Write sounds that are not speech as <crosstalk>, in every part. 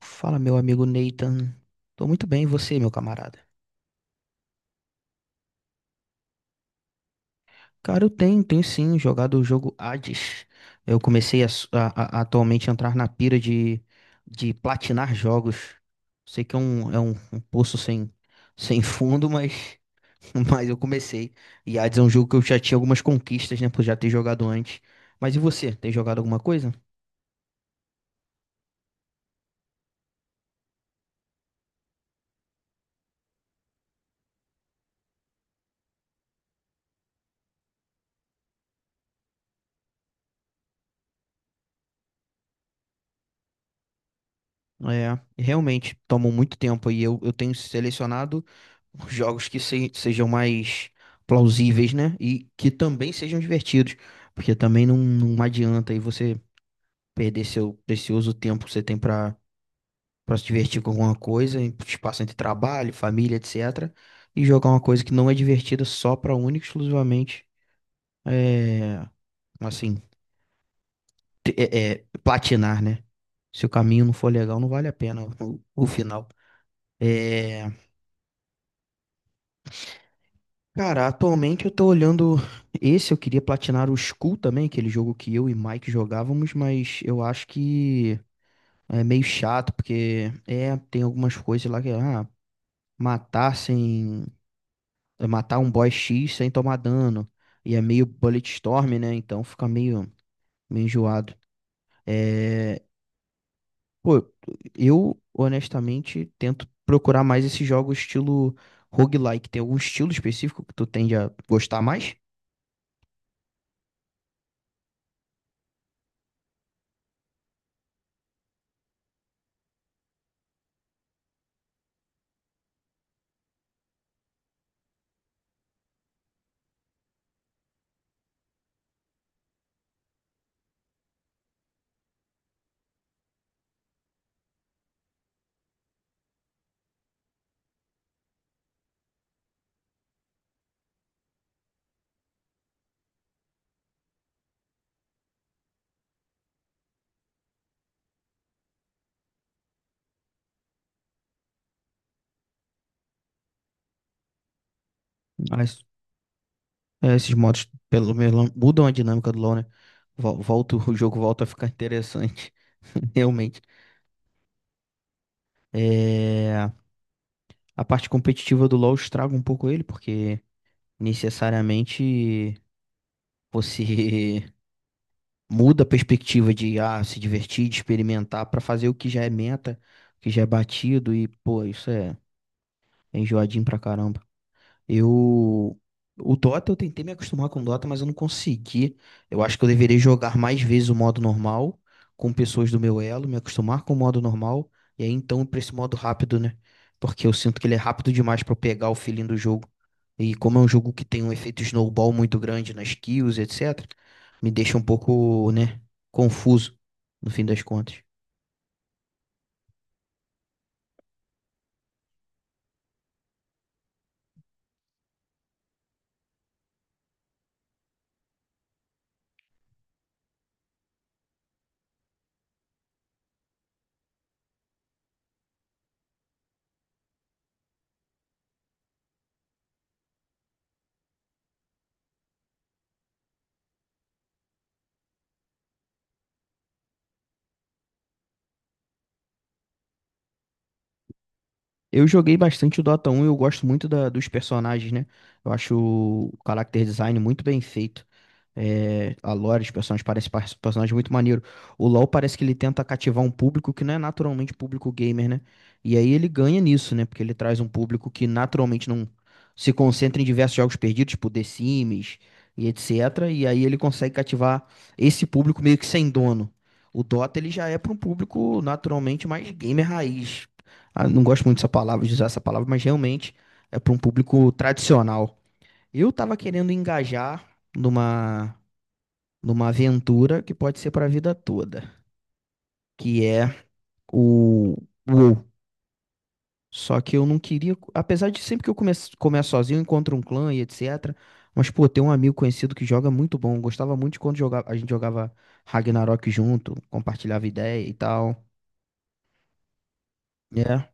Fala, meu amigo Nathan. Tô muito bem, e você, meu camarada? Cara, eu tenho sim jogado o jogo Hades. Eu comecei a, s- a- atualmente a entrar na pira de platinar jogos. Sei que um poço sem fundo, mas, <laughs> mas eu comecei. E Hades é um jogo que eu já tinha algumas conquistas, né, por já ter jogado antes. Mas e você, tem jogado alguma coisa? É, realmente, tomou muito tempo e eu tenho selecionado jogos que sejam mais plausíveis, né? E que também sejam divertidos, porque também não adianta aí você perder seu precioso tempo que você tem pra para se divertir com alguma coisa, em espaço entre trabalho, família, etc. E jogar uma coisa que não é divertida só pra única e exclusivamente, é, assim, platinar, né? Se o caminho não for legal, não vale a pena o final. É, cara, atualmente eu tô olhando esse, eu queria platinar o Skull também, aquele jogo que eu e Mike jogávamos, mas eu acho que é meio chato, porque é, tem algumas coisas lá que, ah, matar sem, é, matar um boss X sem tomar dano, e é meio bullet storm, né, então fica meio, meio enjoado. É, pô, eu honestamente tento procurar mais esse jogo estilo roguelike, tem algum estilo específico que tu tende a gostar mais? É, esses modos, pelo menos, mudam a dinâmica do LoL, né? Volta, o jogo volta a ficar interessante, <laughs> realmente. É, a parte competitiva do LoL estraga um pouco ele, porque necessariamente você <laughs> muda a perspectiva de ah, se divertir, de experimentar, pra fazer o que já é meta, o que já é batido, e, pô, é enjoadinho pra caramba. Eu. O Dota, eu tentei me acostumar com o Dota, mas eu não consegui. Eu acho que eu deveria jogar mais vezes o modo normal, com pessoas do meu elo, me acostumar com o modo normal, e aí então ir pra esse modo rápido, né? Porque eu sinto que ele é rápido demais pra eu pegar o feeling do jogo. E como é um jogo que tem um efeito snowball muito grande nas kills, etc., me deixa um pouco, né, confuso, no fim das contas. Eu joguei bastante o Dota 1 e eu gosto muito dos personagens, né? Eu acho o character design muito bem feito. É, a lore, os personagens parecem personagens muito maneiro. O LoL parece que ele tenta cativar um público que não é naturalmente público gamer, né? E aí ele ganha nisso, né? Porque ele traz um público que naturalmente não se concentra em diversos jogos perdidos, tipo The Sims e etc. E aí ele consegue cativar esse público meio que sem dono. O Dota ele já é para um público naturalmente mais gamer raiz. Ah, não gosto muito dessa palavra, de usar essa palavra, mas realmente é para um público tradicional. Eu tava querendo engajar numa, numa aventura que pode ser para a vida toda, que é o WoW. Só que eu não queria, apesar de sempre que eu começo, começo sozinho, eu encontro um clã e etc. Mas, pô, tem um amigo conhecido que joga é muito bom. Eu gostava muito de quando jogava, a gente jogava Ragnarok junto, compartilhava ideia e tal. Né?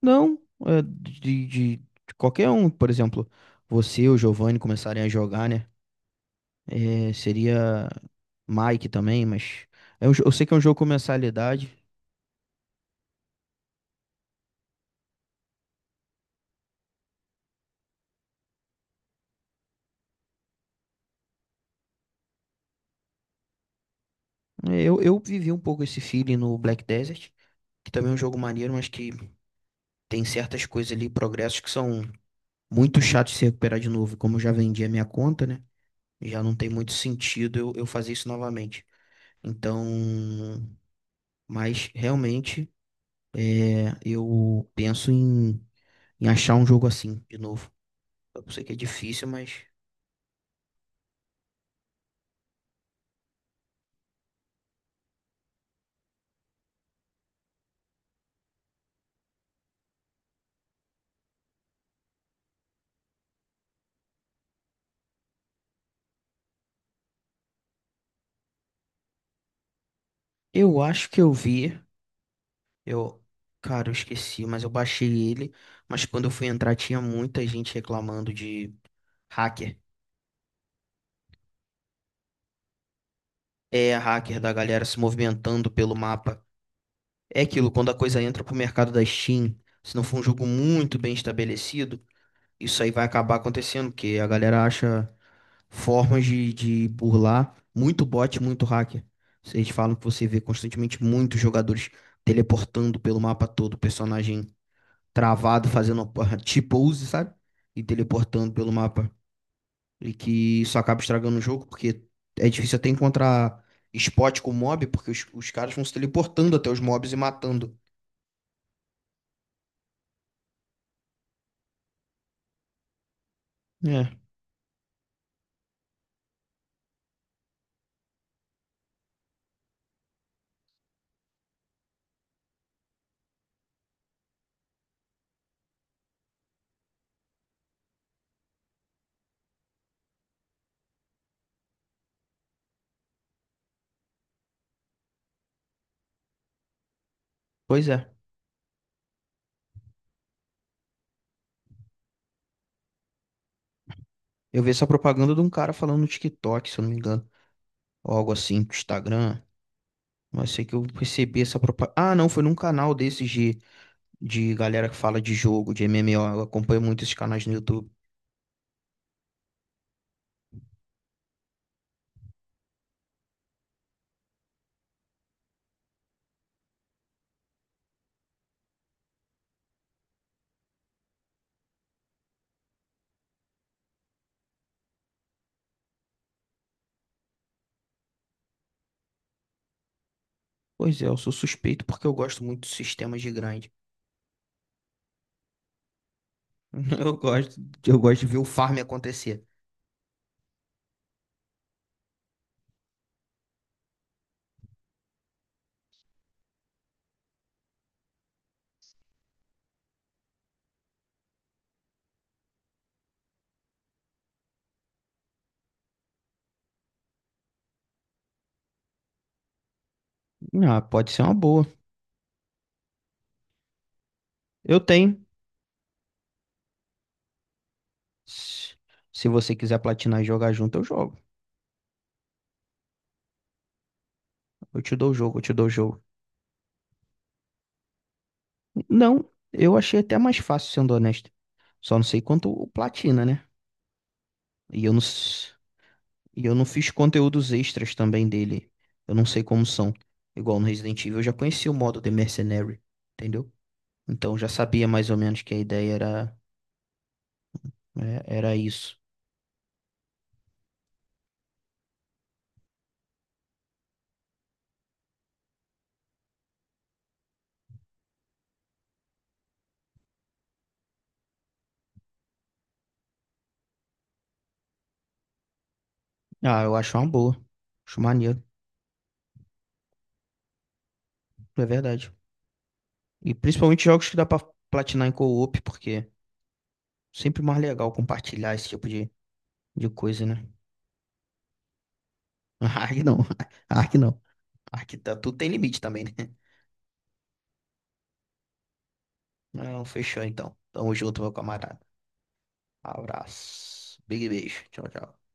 Não, é de qualquer um, por exemplo, você ou o Giovanni começarem a jogar, né? É, seria Mike também, mas é um eu sei que é um jogo com mensalidade. É, eu vivi um pouco esse feeling no Black Desert, que também é um jogo maneiro, mas que tem certas coisas ali, progressos que são muito chatos de se recuperar de novo. E como eu já vendi a minha conta, né? Já não tem muito sentido eu fazer isso novamente. Então, mas realmente é, eu penso em. Em achar um jogo assim de novo. Eu sei que é difícil, mas eu acho que eu vi. Eu, cara, eu esqueci, mas eu baixei ele. Mas quando eu fui entrar, tinha muita gente reclamando de hacker. É, hacker da galera se movimentando pelo mapa. É aquilo, quando a coisa entra pro mercado da Steam, se não for um jogo muito bem estabelecido, isso aí vai acabar acontecendo, porque a galera acha formas de burlar, muito bot, muito hacker. Vocês falam que você vê constantemente muitos jogadores teleportando pelo mapa todo, personagem travado, fazendo a <laughs> T-pose, sabe? E teleportando pelo mapa. E que isso acaba estragando o jogo, porque é difícil até encontrar spot com mob, porque os caras vão se teleportando até os mobs e matando. É, pois é. Eu vi essa propaganda de um cara falando no TikTok, se eu não me engano, ou algo assim, no Instagram. Mas sei que eu percebi essa propaganda. Ah, não, foi num canal desses de galera que fala de jogo, de MMO. Eu acompanho muito esses canais no YouTube. Pois é, eu sou suspeito porque eu gosto muito de sistemas de grind. <laughs> Eu gosto, eu gosto de ver o farm acontecer. Ah, pode ser uma boa. Eu tenho. Se Se você quiser platinar e jogar junto, eu jogo. Eu te dou o jogo, eu te dou o jogo. Não, eu achei até mais fácil, sendo honesto. Só não sei quanto o platina, né? E eu não. E eu não fiz conteúdos extras também dele. Eu não sei como são. Igual no Resident Evil, eu já conhecia o modo The Mercenary, entendeu? Então eu já sabia mais ou menos que a ideia era, é, era isso. Ah, eu acho uma boa. Acho maneiro, é verdade. E principalmente jogos que dá pra platinar em co-op, porque sempre mais legal compartilhar esse tipo de coisa, né? <laughs> Ark não, Ark não. Ark tá, tudo tem limite também, né? Não, fechou então. Tamo junto, meu camarada. Abraço. Big beijo. Tchau, tchau.